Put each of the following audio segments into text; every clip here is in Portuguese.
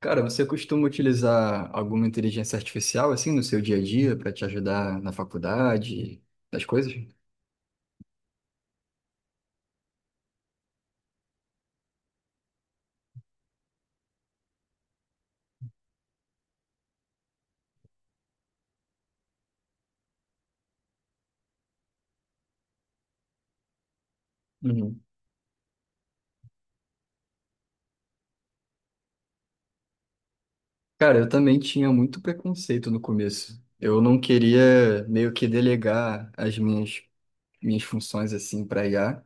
Cara, você costuma utilizar alguma inteligência artificial assim no seu dia a dia para te ajudar na faculdade, das coisas? Uhum. Cara, eu também tinha muito preconceito no começo. Eu não queria meio que delegar as minhas funções assim para IA,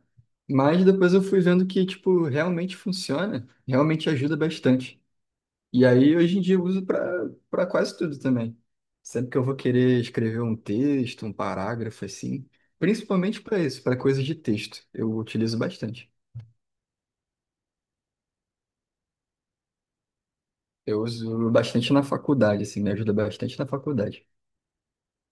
mas depois eu fui vendo que tipo realmente funciona, realmente ajuda bastante. E aí, hoje em dia, eu uso para quase tudo também. Sempre que eu vou querer escrever um texto, um parágrafo, assim, principalmente para isso, para coisas de texto, eu utilizo bastante. Eu uso bastante na faculdade, assim, me ajuda bastante na faculdade.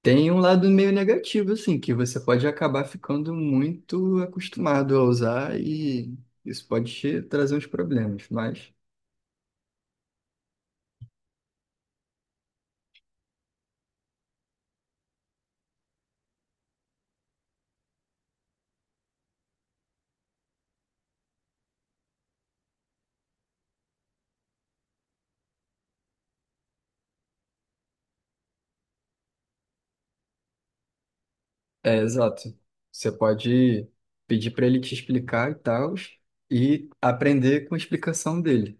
Tem um lado meio negativo, assim, que você pode acabar ficando muito acostumado a usar e isso pode te trazer uns problemas, mas... É, exato. Você pode pedir para ele te explicar e tal, e aprender com a explicação dele.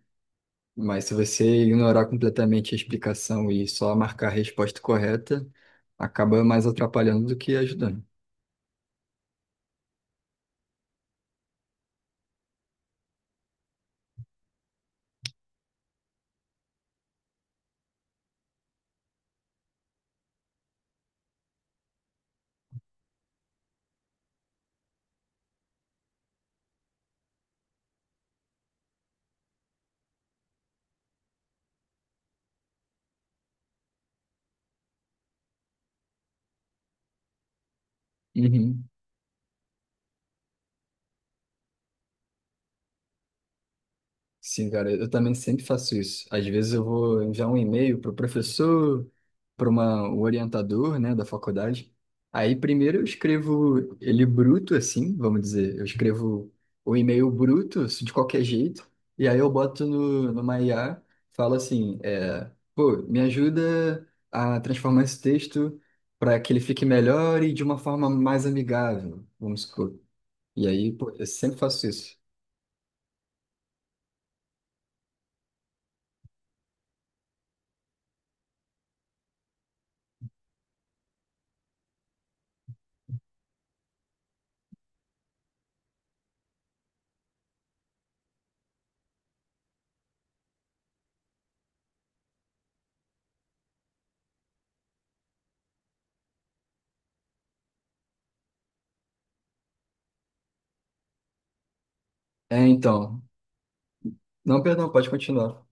Mas se você ignorar completamente a explicação e só marcar a resposta correta, acaba mais atrapalhando do que ajudando. Uhum. Sim, cara, eu também sempre faço isso. Às vezes eu vou enviar um e-mail para o professor, para uma, o orientador, né, da faculdade. Aí primeiro eu escrevo ele bruto, assim, vamos dizer. Eu escrevo o e-mail bruto, assim, de qualquer jeito. E aí eu boto no, numa IA, falo assim, é, pô, me ajuda a transformar esse texto para que ele fique melhor e de uma forma mais amigável, vamos supor. E aí, pô, eu sempre faço isso. É, então. Não, perdão, pode continuar.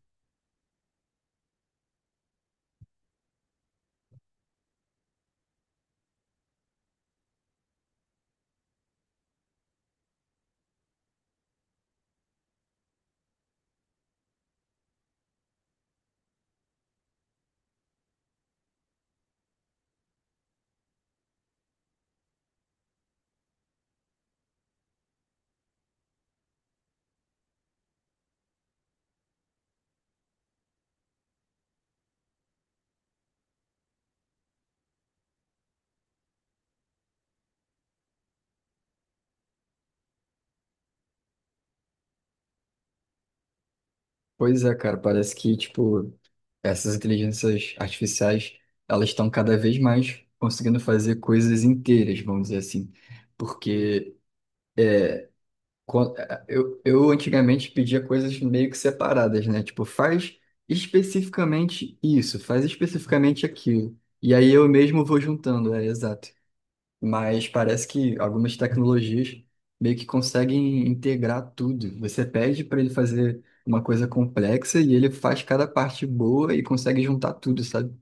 Pois é, cara, parece que, tipo, essas inteligências artificiais, elas estão cada vez mais conseguindo fazer coisas inteiras, vamos dizer assim. Porque eu antigamente pedia coisas meio que separadas, né? Tipo, faz especificamente isso, faz especificamente aquilo. E aí eu mesmo vou juntando, é exato, mas parece que algumas tecnologias meio que conseguem integrar tudo. Você pede para ele fazer uma coisa complexa e ele faz cada parte boa e consegue juntar tudo, sabe?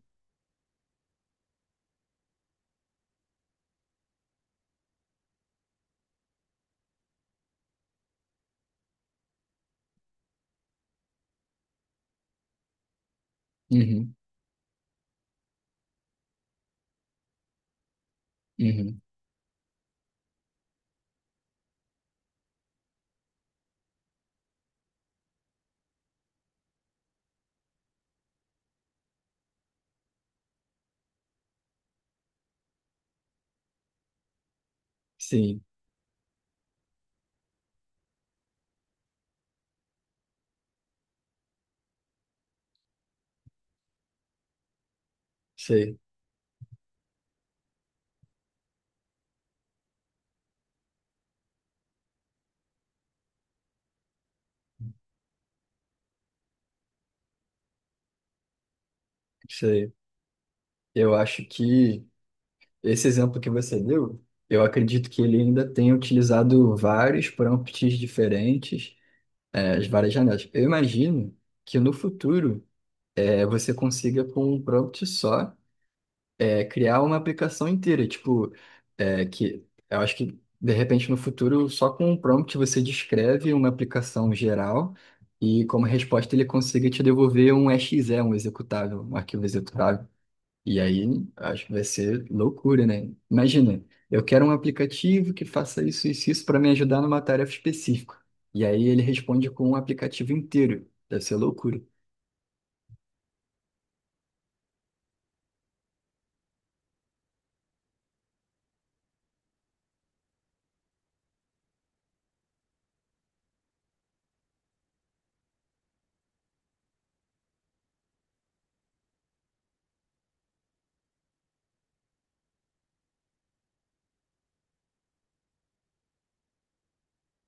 Uhum, uhum. Sim, sei, sei. Eu acho que esse exemplo que você deu, eu acredito que ele ainda tenha utilizado vários prompts diferentes, as várias janelas. Eu imagino que no futuro você consiga com um prompt só é criar uma aplicação inteira, tipo, é, que eu acho que de repente no futuro só com um prompt você descreve uma aplicação geral e como resposta ele consiga te devolver um exe, um executável, um arquivo executável. E aí acho que vai ser loucura, né? Imagina, eu quero um aplicativo que faça isso isso, isso para me ajudar numa tarefa específica. E aí ele responde com um aplicativo inteiro. Deve ser loucura.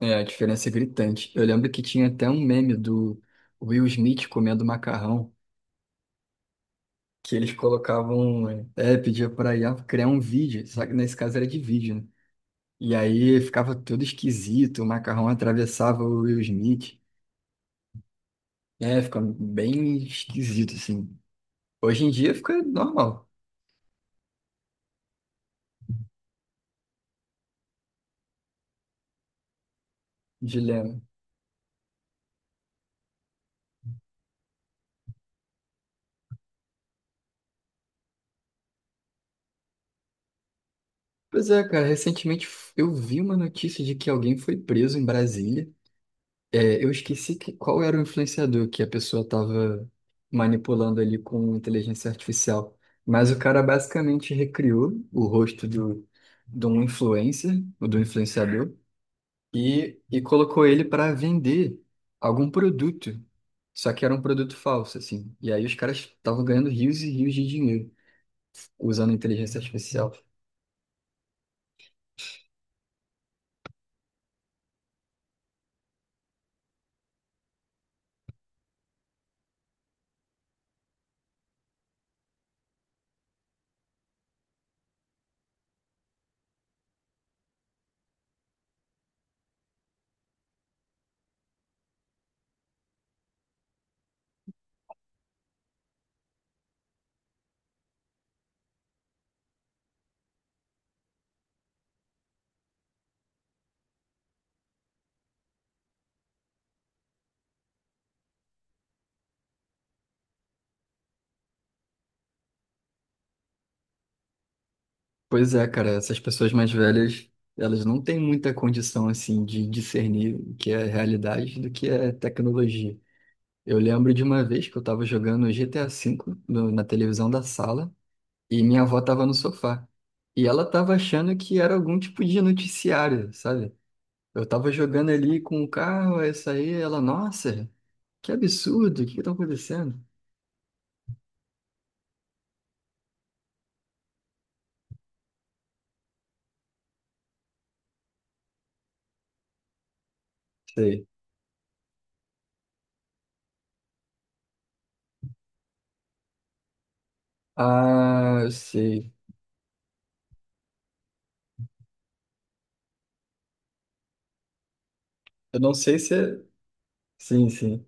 É, a diferença é gritante. Eu lembro que tinha até um meme do Will Smith comendo macarrão, que eles colocavam, é, pedia pra IA criar um vídeo, só que nesse caso era de vídeo, né? E aí ficava todo esquisito, o macarrão atravessava o Will Smith. É, fica bem esquisito, assim. Hoje em dia fica normal, dilema. Pois é, cara, recentemente eu vi uma notícia de que alguém foi preso em Brasília. É, eu esqueci que, qual era o influenciador que a pessoa estava manipulando ali com inteligência artificial. Mas o cara basicamente recriou o rosto do, de um influencer, ou do influenciador, e colocou ele para vender algum produto. Só que era um produto falso, assim. E aí os caras estavam ganhando rios e rios de dinheiro usando inteligência artificial. Pois é, cara, essas pessoas mais velhas, elas não têm muita condição, assim, de discernir o que é realidade do que é tecnologia. Eu lembro de uma vez que eu tava jogando GTA V na televisão da sala e minha avó tava no sofá. E ela tava achando que era algum tipo de noticiário, sabe? Eu tava jogando ali com o carro, essa aí, ela, nossa, que absurdo, o que que tá acontecendo? Sei. Ah, eu sei. Eu não sei se é... Sim, sim.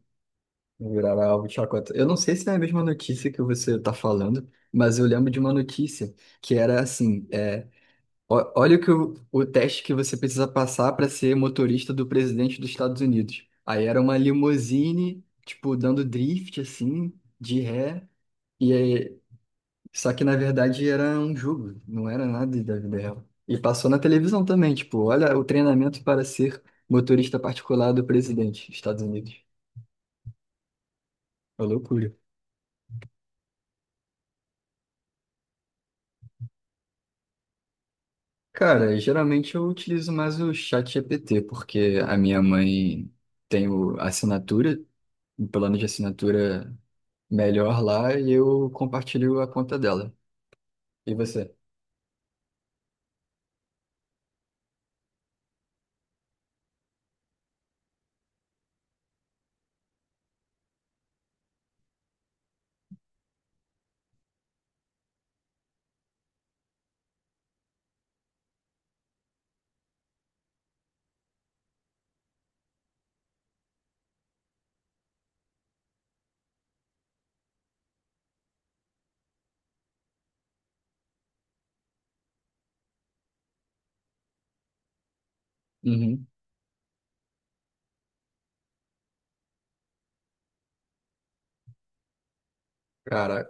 Virar alvo de chacota. Eu não sei se é a mesma notícia que você está falando, mas eu lembro de uma notícia que era assim: é, olha o teste que você precisa passar para ser motorista do presidente dos Estados Unidos. Aí era uma limusine, tipo, dando drift, assim, de ré. E aí, só que na verdade era um jogo, não era nada da vida real. E passou na televisão também, tipo, olha o treinamento para ser motorista particular do presidente dos Estados Unidos. Uma loucura. Cara, geralmente eu utilizo mais o ChatGPT, porque a minha mãe tem a assinatura, o plano de assinatura melhor lá, e eu compartilho a conta dela. E você? Uhum. Cara,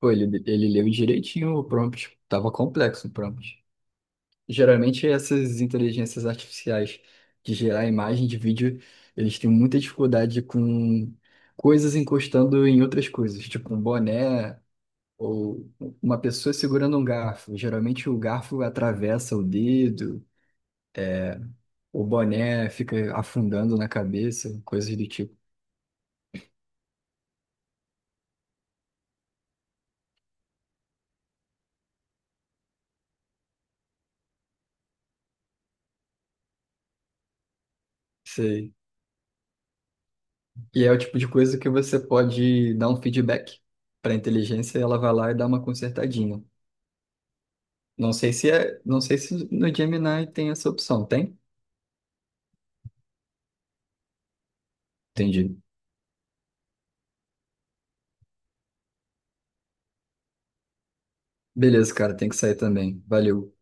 pô, ele leu direitinho o prompt. Tava complexo o prompt. Geralmente essas inteligências artificiais de gerar imagem de vídeo, eles têm muita dificuldade com coisas encostando em outras coisas, tipo um boné ou uma pessoa segurando um garfo. Geralmente o garfo atravessa o dedo, o boné fica afundando na cabeça, coisas do tipo. Sei. E é o tipo de coisa que você pode dar um feedback para a inteligência e ela vai lá e dá uma consertadinha. Não sei se é, não sei se no Gemini tem essa opção, tem? Entendi. Beleza, cara, tem que sair também. Valeu.